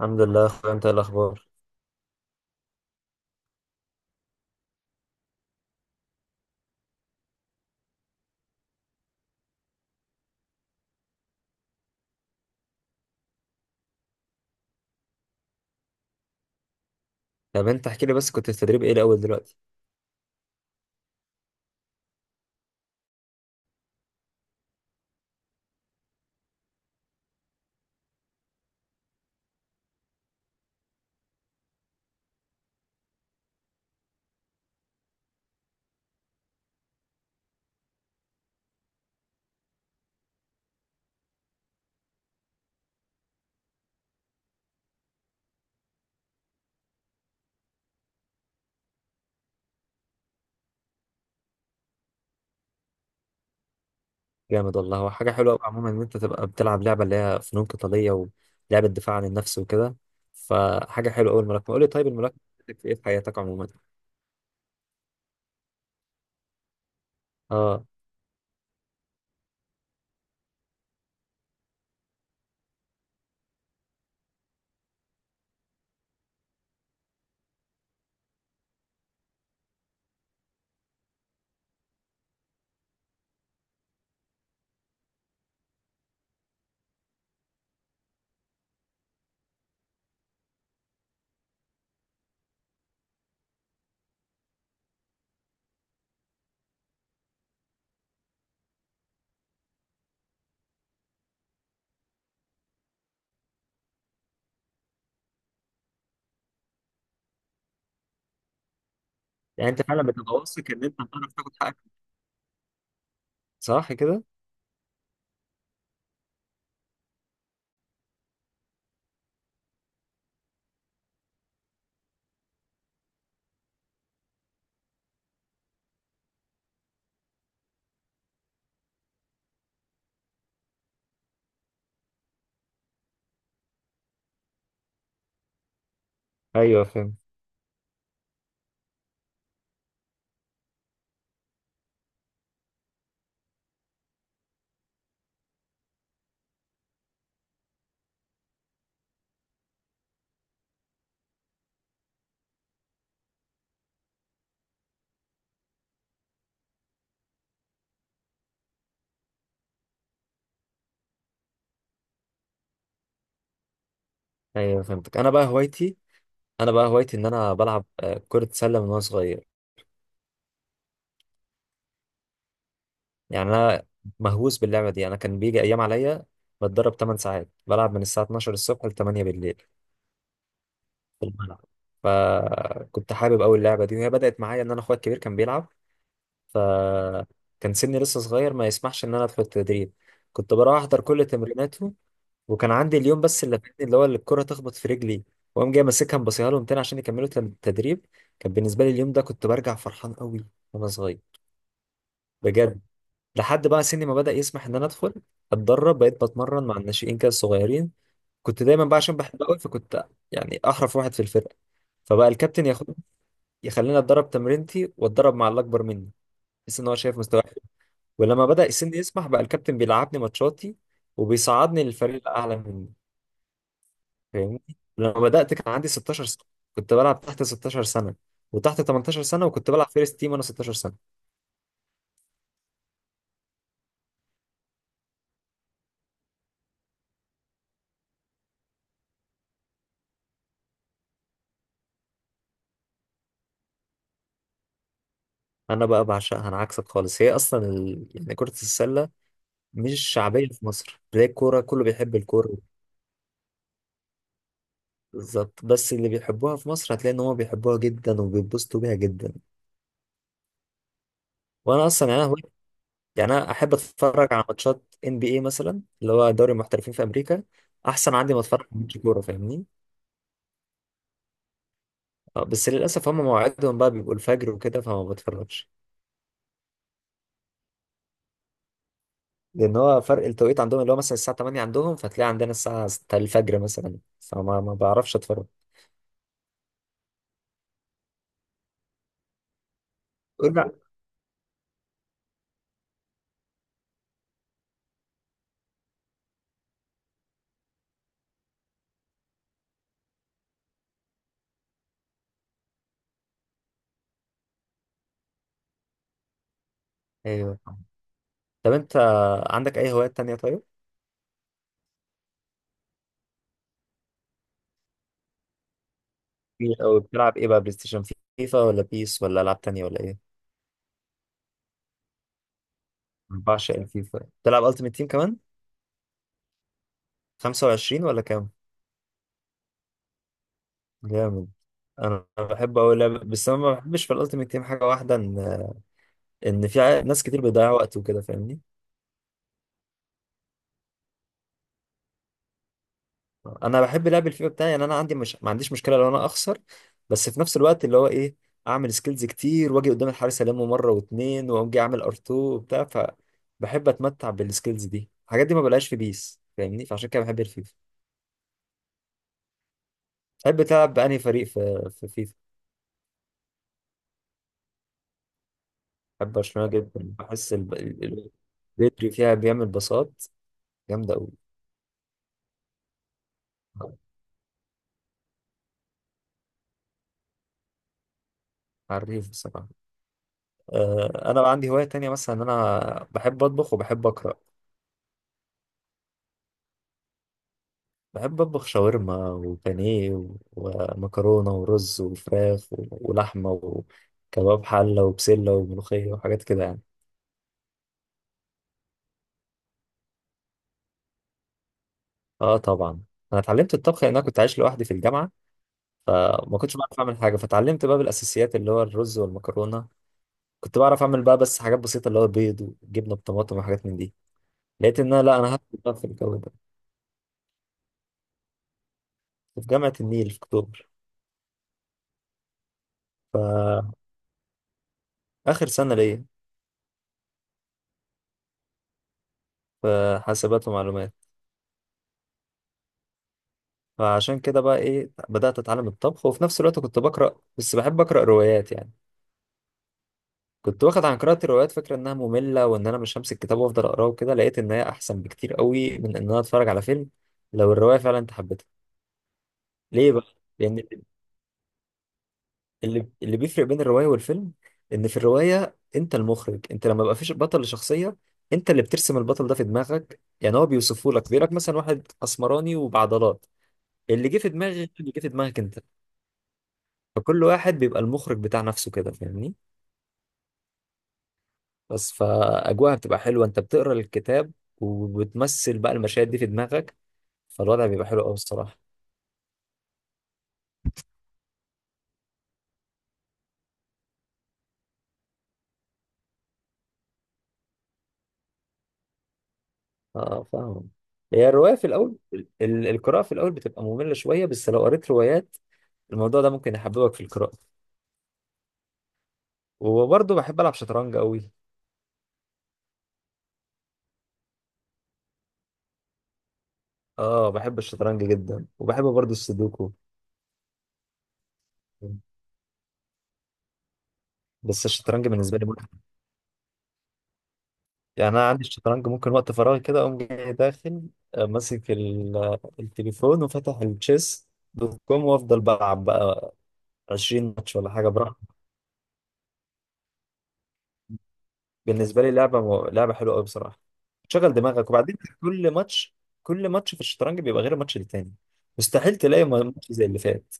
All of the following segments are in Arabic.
الحمد لله يا اخويا، انت إيه الاخبار؟ طب انت احكي لي بس، كنت في تدريب ايه الاول دلوقتي؟ جامد والله. هو حاجه حلوه قوي عموما ان انت تبقى بتلعب لعبه اللي هي فنون قتاليه ولعبه دفاع عن النفس وكده، فحاجه حلوه قوي الملاكمه. قول لي طيب الملاكمه بتفيدك في ايه في حياتك عموما؟ اه. يعني انت فعلا بتبقى واثق ان انت هتعرف تاخد حقك، صح كده؟ ايوه فهمت. ايوه فهمتك. انا بقى هوايتي ان انا بلعب كره سله من وانا صغير. يعني انا مهووس باللعبه دي. انا كان بيجي ايام عليا بتدرب 8 ساعات، بلعب من الساعه 12 الصبح ل 8 بالليل في الملعب. فكنت حابب أوي اللعبة دي، وهي بدأت معايا إن أنا أخويا الكبير كان بيلعب، فكان سني لسه صغير ما يسمحش إن أنا أدخل التدريب. كنت بروح أحضر كل تمريناته، وكان عندي اليوم بس اللي فاتني اللي هو اللي الكرة تخبط في رجلي وأقوم جاي ماسكها مبصيها لهم تاني عشان يكملوا التدريب. كان بالنسبة لي اليوم ده كنت برجع فرحان أوي وأنا صغير، بجد. لحد بقى سني ما بدأ يسمح إن أنا أدخل أتدرب، بقيت بتمرن مع الناشئين كده الصغيرين. كنت دايما بقى عشان بحب أوي، فكنت يعني أحرف واحد في الفرقة، فبقى الكابتن ياخد يخليني اتدرب تمرينتي واتدرب مع اللي اكبر مني، بحيث ان هو شايف مستواي حلو. ولما بدأ السن يسمح بقى الكابتن بيلعبني ماتشاتي وبيصعدني للفريق الاعلى مني، فاهمني؟ لما بدأت كان عندي 16 سنة، كنت بلعب تحت 16 سنة وتحت 18 سنة، وكنت بلعب فيرست تيم وانا 16 سنة. انا بقى بعشقها، انا عكسك خالص. هي اصلا يعني كرة السلة مش شعبية في مصر، تلاقي الكورة كله بيحب الكورة. بالظبط، بس اللي بيحبوها في مصر هتلاقي ان هم بيحبوها جدا وبيتبسطوا بيها جدا. وانا اصلا يعني أنا يعني انا احب اتفرج على ماتشات ان بي اي مثلا، اللي هو دوري المحترفين في امريكا، احسن عندي ما اتفرج على ماتش كوره، فاهمني؟ بس للاسف هم مواعيدهم بقى بيبقوا الفجر وكده، فما بتفرجش. لان هو فرق التوقيت عندهم اللي هو مثلا الساعه 8 عندهم، فتلاقي عندنا الساعه 6 الفجر مثلا، فما ما بعرفش اتفرج. قول. لا ايوه. طب انت عندك اي هوايات تانية طيب؟ او بتلعب ايه بقى بلاي ستيشن؟ فيفا ولا بيس ولا العاب تانية ولا ايه؟ بعشق الفيفا. بتلعب التيمت تيم كمان؟ 25 ولا كام؟ جامد. انا بحب اوي لعبة، بس انا ما بحبش في الالتيميت تيم حاجه واحده، ان ان ناس كتير بيضيع وقت وكده، فاهمني؟ انا بحب لعب الفيفا بتاعي، يعني انا عندي مش ما عنديش مشكله لو انا اخسر، بس في نفس الوقت اللي هو ايه، اعمل سكيلز كتير واجي قدام الحارس المه مره واتنين واقوم جاي اعمل ار2 وبتاع، فبحب اتمتع بالسكيلز دي. الحاجات دي ما بلاقيش في بيس، فاهمني؟ فعشان كده بحب الفيفا. بحب تلعب بأنهي فريق في فيفا؟ بحب برشلونه جدا. بحس بدري فيها بيعمل باصات جامده قوي. عريف بصراحه. انا بقى عندي هواية تانية مثلا، ان انا بحب اطبخ وبحب اقرا. بحب اطبخ شاورما وبانيه ومكرونة ورز وفراخ ولحمة وكباب حلة وبسلة وملوخية وحاجات كده يعني. اه طبعا. انا اتعلمت الطبخ لان انا كنت عايش لوحدي في الجامعة، فما كنتش بعرف اعمل حاجة، فتعلمت بقى بالاساسيات اللي هو الرز والمكرونة. كنت بعرف اعمل بقى بس حاجات بسيطة اللي هو بيض وجبنة بطماطم وحاجات من دي. لقيت ان انا لا، انا هدخل بقى في الجو ده. في جامعة النيل في اكتوبر، فاخر سنة ليا، في حاسبات ومعلومات. فعشان كده بقى ايه بدأت اتعلم الطبخ، وفي نفس الوقت كنت بقرأ. بس بحب أقرأ روايات يعني. كنت واخد عن قراءة الروايات فكرة انها مملة، وان انا مش همسك كتاب وافضل اقراه وكده. لقيت ان هي احسن بكتير قوي من ان انا اتفرج على فيلم، لو الرواية فعلا انت حبيتها. ليه بقى؟ لان اللي بيفرق بين الرواية والفيلم ان في الرواية انت المخرج. انت لما بقى فيش بطل لشخصية، انت اللي بترسم البطل ده في دماغك. يعني هو بيوصفه لك، بيقول لك مثلا واحد اسمراني وبعضلات، اللي جه في دماغك انت. فكل واحد بيبقى المخرج بتاع نفسه كده، فاهمني؟ بس فأجواءها بتبقى حلوة، انت بتقرا الكتاب وبتمثل بقى المشاهد دي في دماغك، فالوضع بيبقى حلو قوي الصراحة. اه فاهم. هي الرواية في الأول، القراءة في الأول بتبقى مملة شوية، بس لو قريت روايات الموضوع ده ممكن يحببك في القراءة. وبرضه بحب ألعب شطرنج قوي. اه بحب الشطرنج جدا، وبحب برضه السودوكو. بس الشطرنج بالنسبة لي، يعني انا عندي الشطرنج ممكن وقت فراغي كده اقوم جاي داخل ماسك التليفون وفاتح التشيس دوت كوم وافضل بلعب بقى 20 ماتش ولا حاجه براحتي. بالنسبه لي لعبه لعبه حلوه قوي بصراحه. شغل دماغك، وبعدين كل ماتش، كل ماتش في الشطرنج بيبقى غير الماتش التاني. مستحيل تلاقي ماتش زي اللي فات،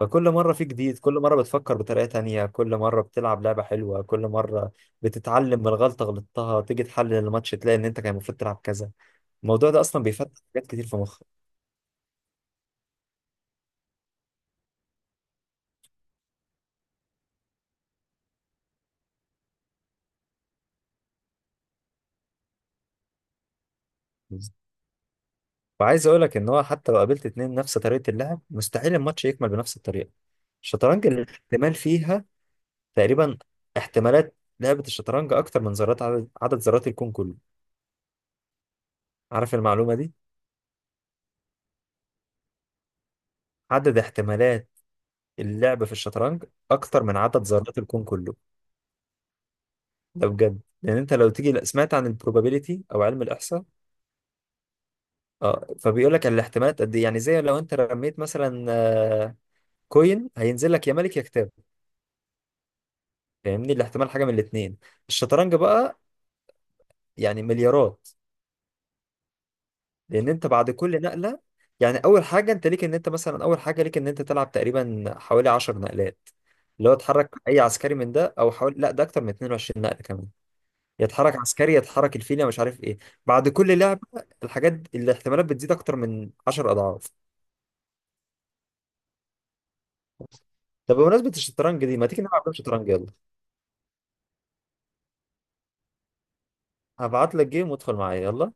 فكل مره في جديد، كل مره بتفكر بطريقه تانية، كل مره بتلعب لعبه حلوه، كل مره بتتعلم من غلطه غلطتها، تيجي تحلل الماتش تلاقي ان انت كان المفروض تلعب كذا. الموضوع ده اصلا بيفتح حاجات كتير في مخك. وعايز اقول لك ان هو حتى لو قابلت اتنين نفس طريقه اللعب، مستحيل الماتش يكمل بنفس الطريقه. الشطرنج الاحتمال فيها تقريبا، احتمالات لعبه الشطرنج اكتر من ذرات عدد ذرات الكون كله. عارف المعلومه دي؟ عدد احتمالات اللعب في الشطرنج اكتر من عدد ذرات الكون كله، ده بجد. لان انت لو تيجي، لا، سمعت عن البروبابيليتي او علم الاحصاء؟ اه، فبيقول لك الاحتمالات قد ايه. يعني زي لو انت رميت مثلا كوين، هينزل لك يا ملك يا كتاب، فاهمني؟ الاحتمال حاجه من الاثنين. الشطرنج بقى يعني مليارات، لان انت بعد كل نقله، يعني اول حاجه انت ليك ان انت مثلا اول حاجه ليك ان انت تلعب تقريبا حوالي 10 نقلات، اللي هو اتحرك اي عسكري من ده، او حوالي لا ده اكتر من 22 نقله كمان، يتحرك عسكري يتحرك الفيله مش عارف ايه. بعد كل لعبه الحاجات الاحتمالات بتزيد اكتر من 10 اضعاف. طب بمناسبه الشطرنج دي ما تيجي نلعب جيم شطرنج، يلا؟ هبعت لك جيم وادخل معايا يلا.